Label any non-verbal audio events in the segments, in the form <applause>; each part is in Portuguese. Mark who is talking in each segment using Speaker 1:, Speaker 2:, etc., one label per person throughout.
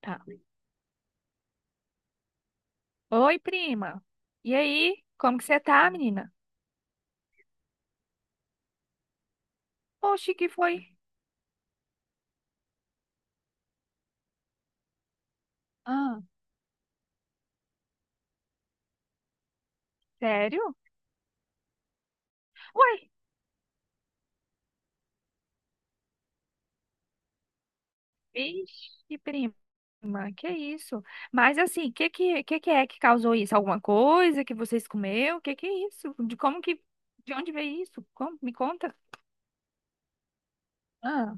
Speaker 1: Tá. Oi, prima. E aí? Como que você tá, menina? Oxe, que foi? Ah, sério? Uai, vixe, prima. Que isso? Mas assim, que que é que causou isso? Alguma coisa que vocês comeu? Que é isso? De onde veio isso? Como? Me conta. Ah,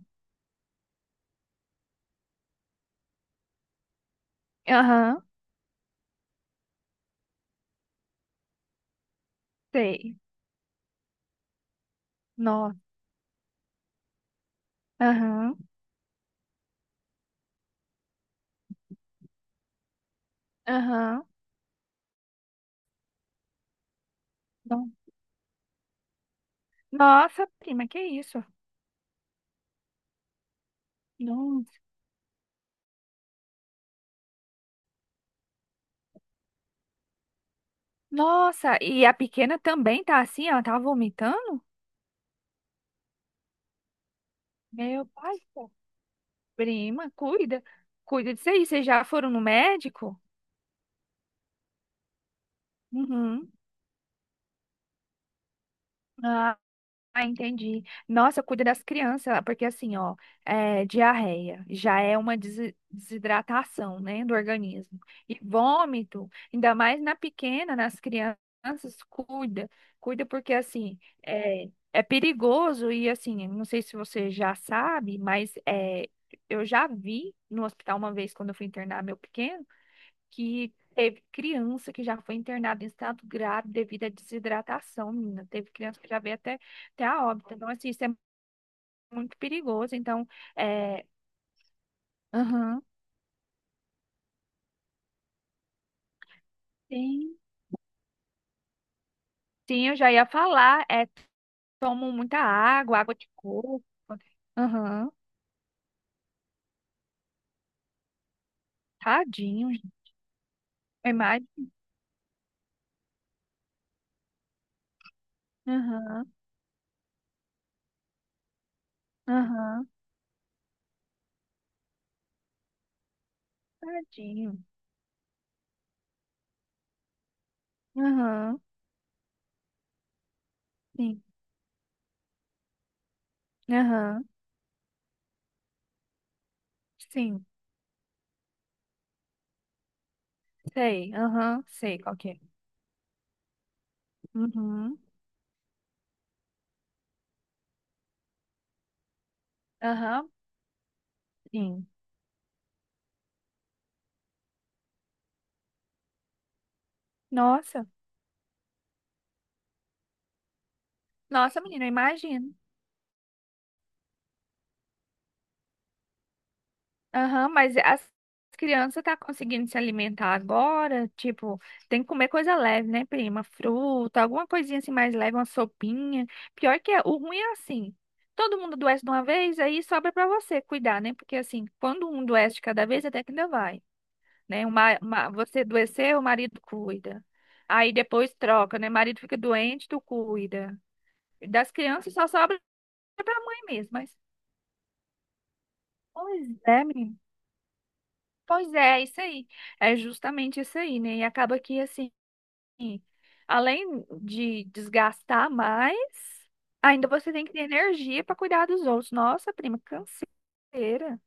Speaker 1: aham, sei. Nossa. Aham. Aham. No- Nossa, prima, que isso? Nossa. Nossa, e a pequena também tá assim? Ela tá vomitando? Meu pai, pô, prima, cuida. Cuida disso aí. Vocês já foram no médico? Uhum. Ah, ah, entendi. Nossa, cuida das crianças, porque assim, ó, é, diarreia já é uma desidratação, né, do organismo. E vômito, ainda mais na pequena, nas crianças, cuida. Cuida porque, assim, é perigoso e, assim, não sei se você já sabe, mas é, eu já vi no hospital uma vez quando eu fui internar meu pequeno, que teve criança que já foi internada em estado grave devido à desidratação, menina. Teve criança que já veio até a óbito. Então, assim, isso é muito perigoso. Então, é, aham. Sim. Sim, eu já ia falar. É, tomam muita água, água de coco. Aham. Tadinho, gente. É mais. Aham. Aham. Tadinho. Aham. Sim. Aham. Sim. Sei. Aham. Sei qual que é. Uhum. Aham. Sim. Nossa. Nossa, menina, eu imagino. Aham, mas as crianças tá conseguindo se alimentar agora? Tipo, tem que comer coisa leve, né, prima? Fruta, alguma coisinha assim mais leve, uma sopinha. Pior que é, o ruim é assim. Todo mundo adoece de uma vez, aí sobra pra você cuidar, né? Porque assim, quando um adoece de cada vez, até que ainda vai, né? Uma, você adoecer, o marido cuida. Aí depois troca, né? O marido fica doente, tu cuida. Das crianças só sobra pra mãe mesmo, mas. Pois é, menina. Pois é, é isso aí. É justamente isso aí, né? E acaba que, assim, além de desgastar mais, ainda você tem que ter energia para cuidar dos outros. Nossa, prima, canseira.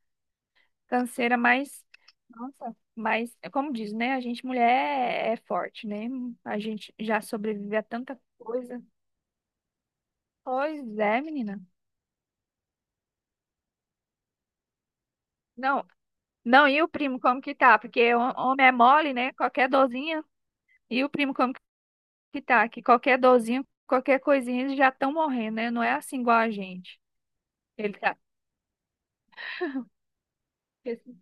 Speaker 1: Canseira, mas. Nossa, mas, é como diz, né? A gente, mulher, é forte, né? A gente já sobrevive a tanta coisa. Pois é, menina. Não, não, e o primo, como que tá? Porque o homem é mole, né? Qualquer dorzinha. E o primo, como que tá, que qualquer dorzinho, qualquer coisinha, eles já estão morrendo, né? Não é assim igual a gente. Ele tá. esse-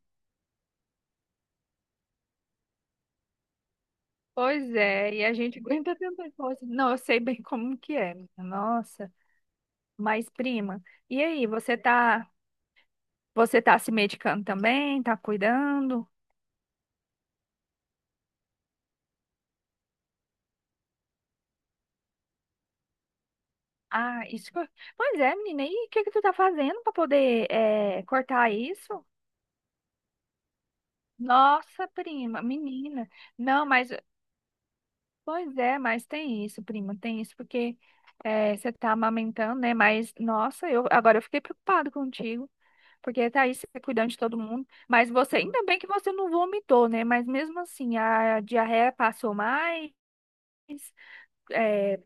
Speaker 1: Pois é, e a gente <laughs> aguenta tanta coisa. Não, eu sei bem como que é, menina. Nossa, mas prima, e aí, você tá se medicando também? Tá cuidando? Ah, isso que eu. Pois é, menina, e o que que tu tá fazendo pra poder cortar isso? Nossa, prima, menina. Não, mas. Pois é, mas tem isso, prima, tem isso, porque você tá amamentando, né? Mas, nossa, eu agora eu fiquei preocupado contigo, porque tá aí você cuidando de todo mundo. Mas você, ainda bem que você não vomitou, né? Mas mesmo assim, a diarreia passou mais. Eh,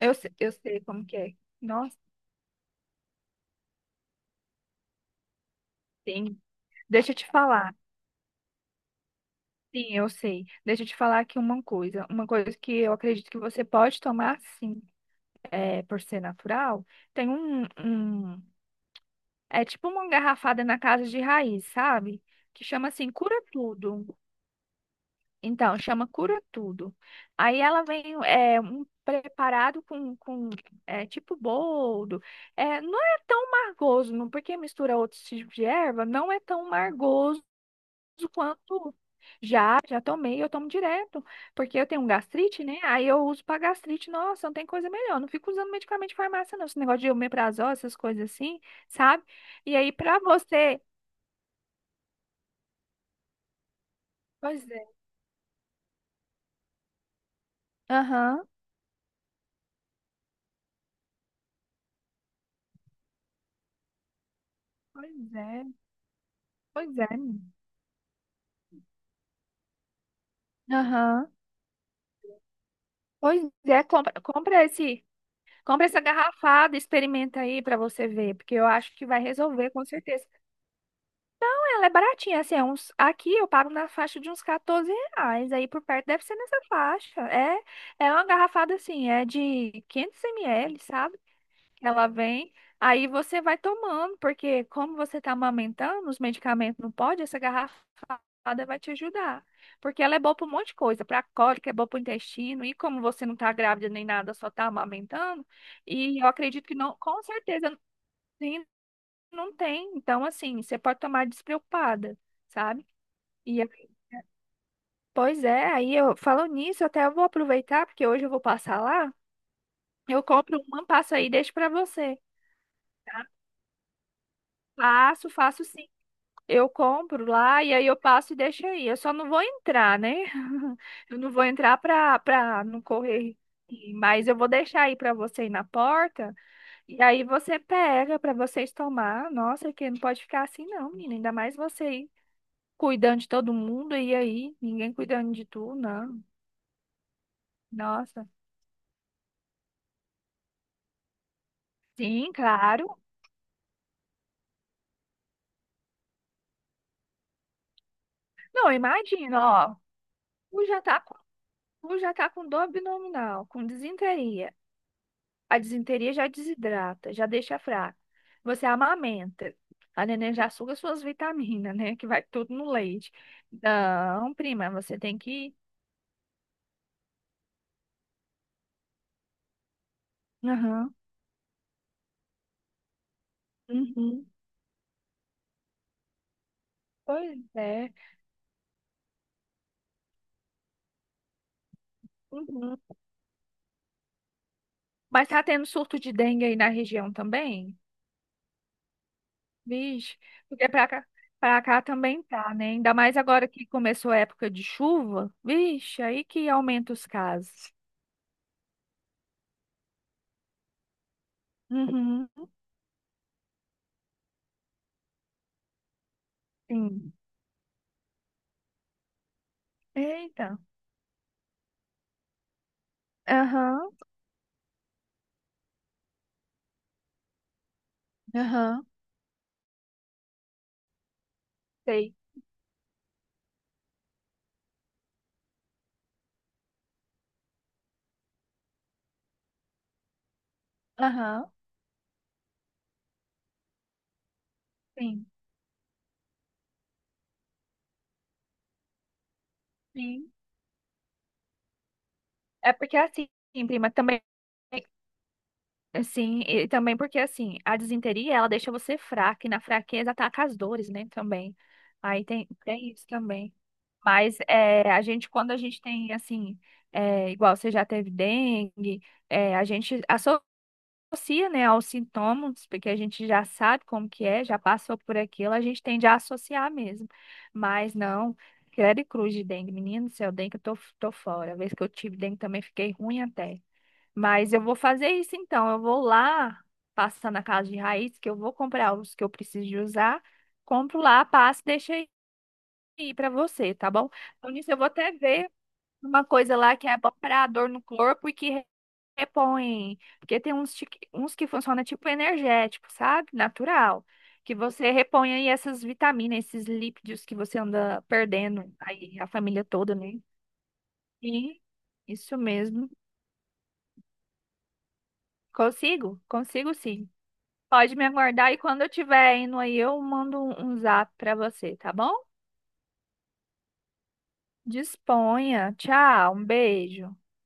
Speaker 1: eu, se- eu sei como que é. Nossa, tem. Deixa eu te falar. Sim, eu sei. Deixa eu te falar aqui uma coisa. Uma coisa que eu acredito que você pode tomar, sim, por ser natural. Tem um. É tipo uma garrafada na casa de raiz, sabe? Que chama assim, cura tudo. Então, chama cura tudo. Aí ela vem é, um preparado com tipo boldo. É, não é tão margoso, não, porque mistura outros tipos de erva, não é tão margoso quanto. Já, já tomei, eu tomo direto, porque eu tenho um gastrite, né? Aí eu uso pra gastrite, nossa, não tem coisa melhor. Não fico usando medicamento de farmácia, não. Esse negócio de omeprazol, essas coisas assim, sabe? E aí, pra você. Pois é, aham, pois é, pois é, menina. Aham. Pois é, compra esse, compra essa garrafada, experimenta aí pra você ver, porque eu acho que vai resolver com certeza. Ah, ela é baratinha, assim, é uns, aqui eu pago na faixa de uns 14 reais, aí por perto deve ser nessa faixa. É, é uma garrafada assim, é de 500 ml, sabe? Ela vem, aí você vai tomando, porque como você está amamentando, os medicamentos não pode, essa garrafada vai te ajudar. Porque ela é boa para um monte de coisa, para cólica, é boa para o intestino, e como você não está grávida nem nada, só está amamentando, e eu acredito que não, com certeza sim, não tem. Então, assim, você pode tomar despreocupada, sabe? E eu- pois é, aí eu falo nisso, até eu vou aproveitar, porque hoje eu vou passar lá. Eu compro uma, passo aí e deixo para você. Tá? Passo, faço sim. Eu compro lá e aí eu passo e deixo aí. Eu só não vou entrar, né? <laughs> Eu não vou entrar pra, não correr. Mas eu vou deixar aí pra você ir na porta e aí você pega pra vocês tomar. Nossa, que não pode ficar assim não, menina. Ainda mais você aí cuidando de todo mundo e aí ninguém cuidando de tu, não. Nossa. Sim, claro. Não, imagina, ó. Tu já tá com, tu já tá com dor abdominal, com disenteria. A disenteria já desidrata, já deixa fraca. Você amamenta. A neném já suga suas vitaminas, né? Que vai tudo no leite. Não, prima, você tem que. Aham. Uhum. Pois é. Uhum. Mas tá tendo surto de dengue aí na região também? Vixe, porque pra cá também tá, né? Ainda mais agora que começou a época de chuva. Vixe, aí que aumenta os casos. Uhum. Sim. Eita. Aham. Aham. Sei. Aham. Sim, sim. É porque assim, prima, também assim, e também porque assim, a disenteria ela deixa você fraca e na fraqueza ataca as dores, né, também. Aí tem isso também. Mas é, a gente, quando a gente tem assim, é, igual você já teve dengue, é, a gente associa, né, aos sintomas, porque a gente já sabe como que é, já passou por aquilo, a gente tende a associar mesmo. Mas não, credo e cruz de dengue. Menino do céu, dengue eu tô fora. A vez que eu tive dengue também fiquei ruim até. Mas eu vou fazer isso então. Eu vou lá, passar na casa de raiz, que eu vou comprar os que eu preciso de usar, compro lá, passo e deixo aí para você, tá bom? Então nisso eu vou até ver uma coisa lá que é bom para dor no corpo e que repõe, porque tem uns, uns que funcionam tipo energético, sabe? Natural. Que você repõe aí essas vitaminas, esses lípidos que você anda perdendo aí, a família toda, né? Sim, isso mesmo. Consigo? Consigo sim. Pode me aguardar e quando eu tiver indo aí, eu mando um zap pra você, tá bom? Disponha. Tchau, um beijo.